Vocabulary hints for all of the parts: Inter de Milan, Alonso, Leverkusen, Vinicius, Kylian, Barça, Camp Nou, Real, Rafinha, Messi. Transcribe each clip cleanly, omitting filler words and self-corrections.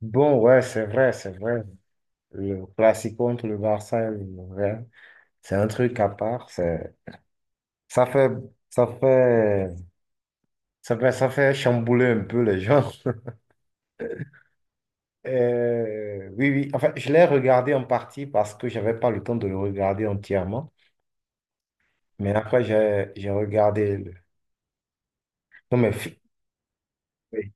Bon, ouais, c'est vrai, c'est vrai. Le classico contre le Barça et le Real, c'est un truc à part. Ça fait, ça fait, ça fait chambouler un peu les gens. Oui, oui. Enfin, je l'ai regardé en partie parce que j'avais pas le temps de le regarder entièrement. Mais après, j'ai regardé. Non, mais oui,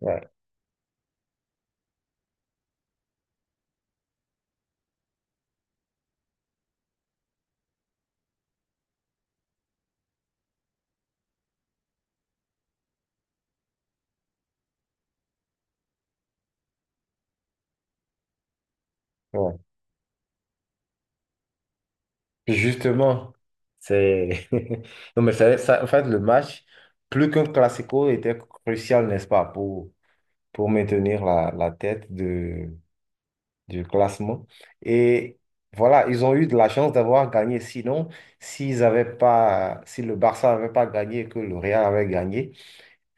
ouais, ouais. Justement, c'est. Non, mais ça, en fait, le match, plus qu'un classico, était crucial, n'est-ce pas, pour maintenir la tête du classement. Et voilà, ils ont eu de la chance d'avoir gagné. Sinon, s'ils avaient pas, si le Barça n'avait pas gagné et que le Real avait gagné,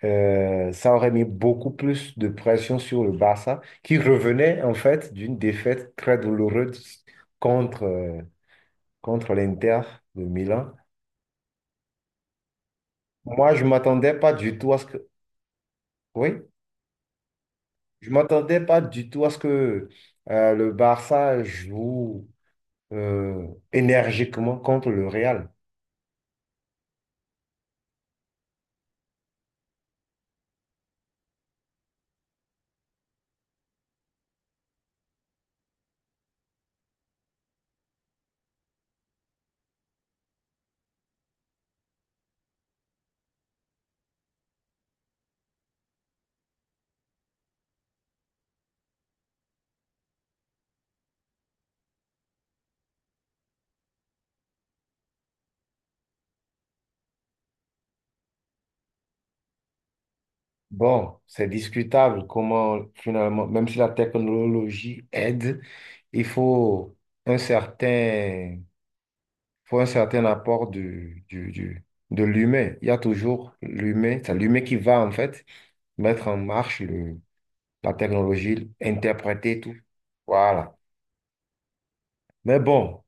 ça aurait mis beaucoup plus de pression sur le Barça, qui revenait en fait d'une défaite très douloureuse contre, euh, contre l'Inter de Milan. Moi, je m'attendais pas du tout à ce que. Oui, je m'attendais pas du tout à ce que le Barça joue euh, énergiquement contre le Real. Bon, c'est discutable comment finalement, même si la technologie aide, il faut un certain, un certain apport de l'humain. Il y a toujours l'humain, c'est l'humain qui va en fait mettre en marche la technologie, interpréter tout. Voilà. Mais bon.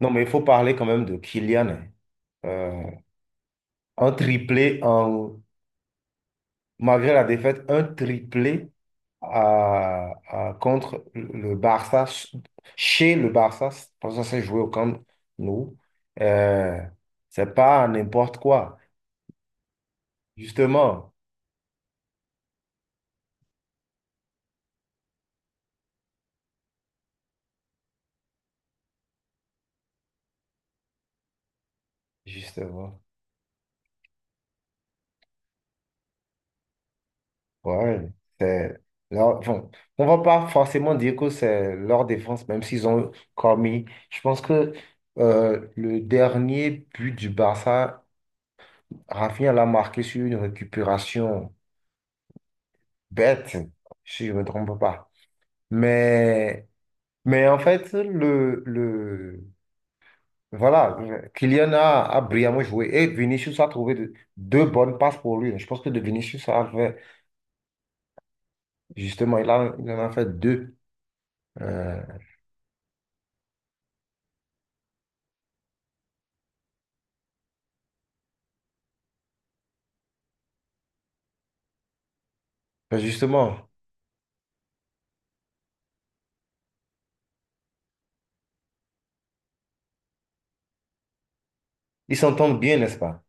Non, mais il faut parler quand même de Kylian, hein. Euh, un triplé, malgré la défaite, un triplé contre le Barça, chez le Barça, parce que ça s'est joué au Camp Nou. Euh, c'est pas n'importe quoi. Justement, justement. Ouais, c'est bon, on va pas forcément dire que c'est leur défense, même s'ils ont commis. Je pense que le dernier but du Barça Rafinha l'a marqué sur une récupération bête, si je ne me trompe pas. Mais, mais en fait, voilà, Kylian a brillamment joué et Vinicius a trouvé deux bonnes passes pour lui. Je pense que de Vinicius a fait, justement, il a, il en a fait deux. Euh, ben justement, ils s'entendent bien, n'est-ce pas?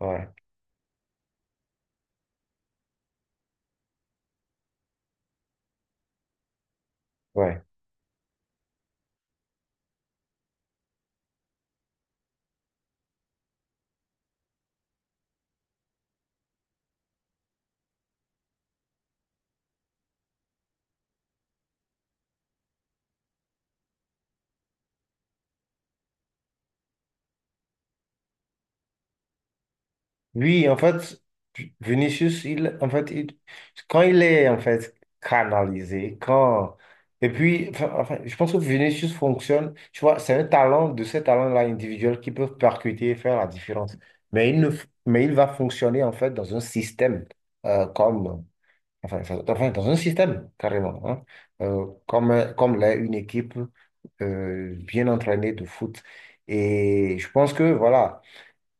Ouais, ouais. Lui en fait, Vinicius, il, en fait, quand il est en fait canalisé, quand et puis, enfin, je pense que Vinicius fonctionne. Tu vois, c'est un talent de ces talents-là individuels qui peuvent percuter et faire la différence. Mais il ne, mais il va fonctionner en fait dans un système comme, enfin, enfin, dans un système carrément, hein, comme l'est une équipe bien entraînée de foot. Et je pense que voilà.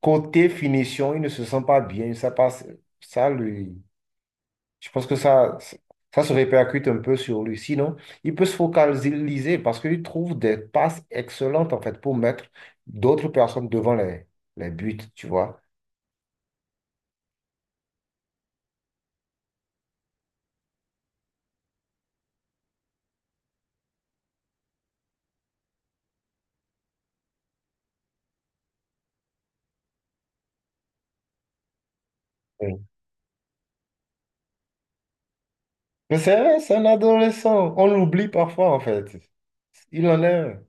Côté finition, il ne se sent pas bien. Ça passe, ça lui, je pense que ça se répercute un peu sur lui. Sinon, il peut se focaliser parce qu'il trouve des passes excellentes en fait pour mettre d'autres personnes devant les buts, tu vois. Oui. Mais c'est vrai, c'est un adolescent. On l'oublie parfois en fait. Il en est un.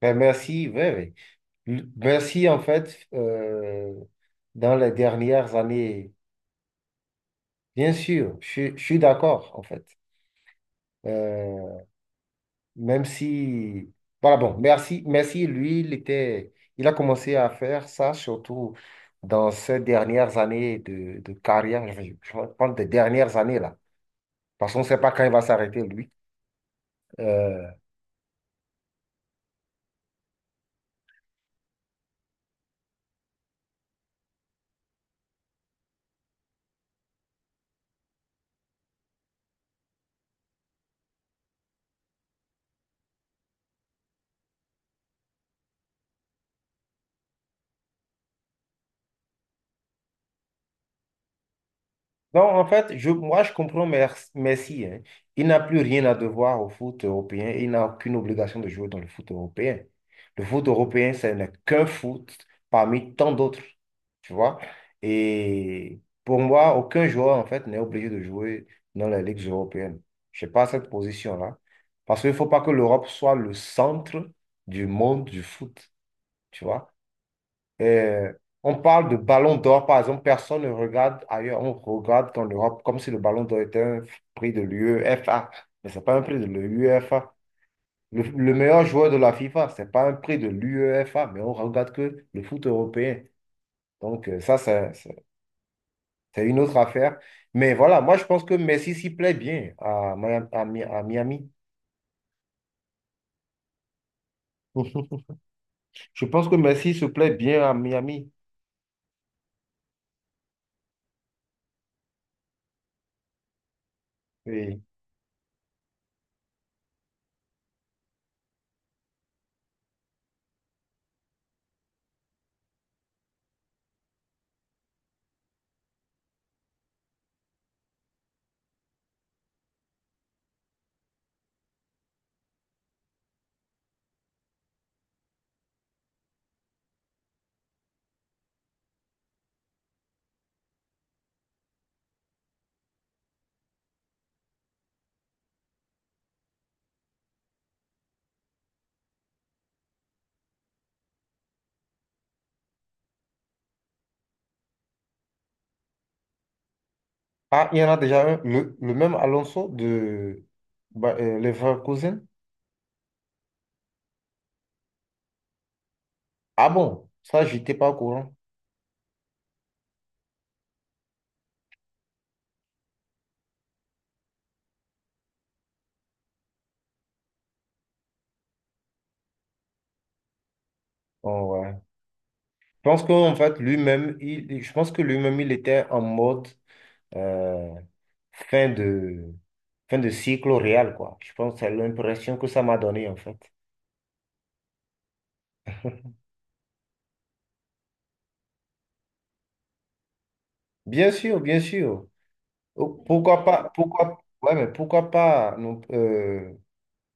Ben, merci, ouais, ouais. Merci en fait dans les dernières années. Bien sûr, je suis d'accord en fait. Euh, Même si, voilà, bon, merci, merci, lui, il était, il a commencé à faire ça surtout dans ces dernières années de carrière, je parle des dernières années là, parce qu'on ne sait pas quand il va s'arrêter, lui. Euh, Non, en fait, moi, je comprends Messi, hein. Il n'a plus rien à devoir au foot européen. Et il n'a aucune obligation de jouer dans le foot européen. Le foot européen, ce n'est qu'un foot parmi tant d'autres. Tu vois? Et pour moi, aucun joueur, en fait, n'est obligé de jouer dans les ligues européennes. Je n'ai pas cette position-là. Parce qu'il ne faut pas que l'Europe soit le centre du monde du foot. Tu vois? Euh, on parle de ballon d'or, par exemple, personne ne regarde ailleurs, on regarde qu'en Europe, comme si le ballon d'or était un prix de l'UEFA. Mais ce n'est pas un prix de l'UEFA. Le meilleur joueur de la FIFA, ce n'est pas un prix de l'UEFA, mais on regarde que le foot européen. Donc, ça, c'est une autre affaire. Mais voilà, moi, je pense que Messi s'y plaît bien à Miami. À Miami. Je pense que Messi se plaît bien à Miami. Oui. Ah, il y en a déjà un, le même Alonso de bah, Leverkusen. Ah bon, ça, j'étais pas au courant. Oh ouais. Je pense qu'en fait, lui-même, il, je pense que lui-même, il était en mode euh, fin de, fin de cycle au Real, quoi. Je pense que c'est l'impression que ça m'a donné, en fait. Bien sûr, bien sûr. Oh, pourquoi pas, ouais, mais pourquoi pas non,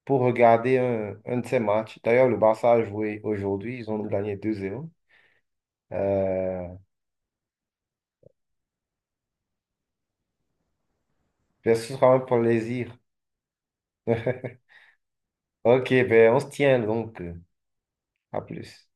pour regarder un de ces matchs. D'ailleurs, le Barça a joué aujourd'hui, ils ont gagné 2-0. Euh, Je suis vraiment pour le plaisir. Ok, ben on se tient donc. À plus.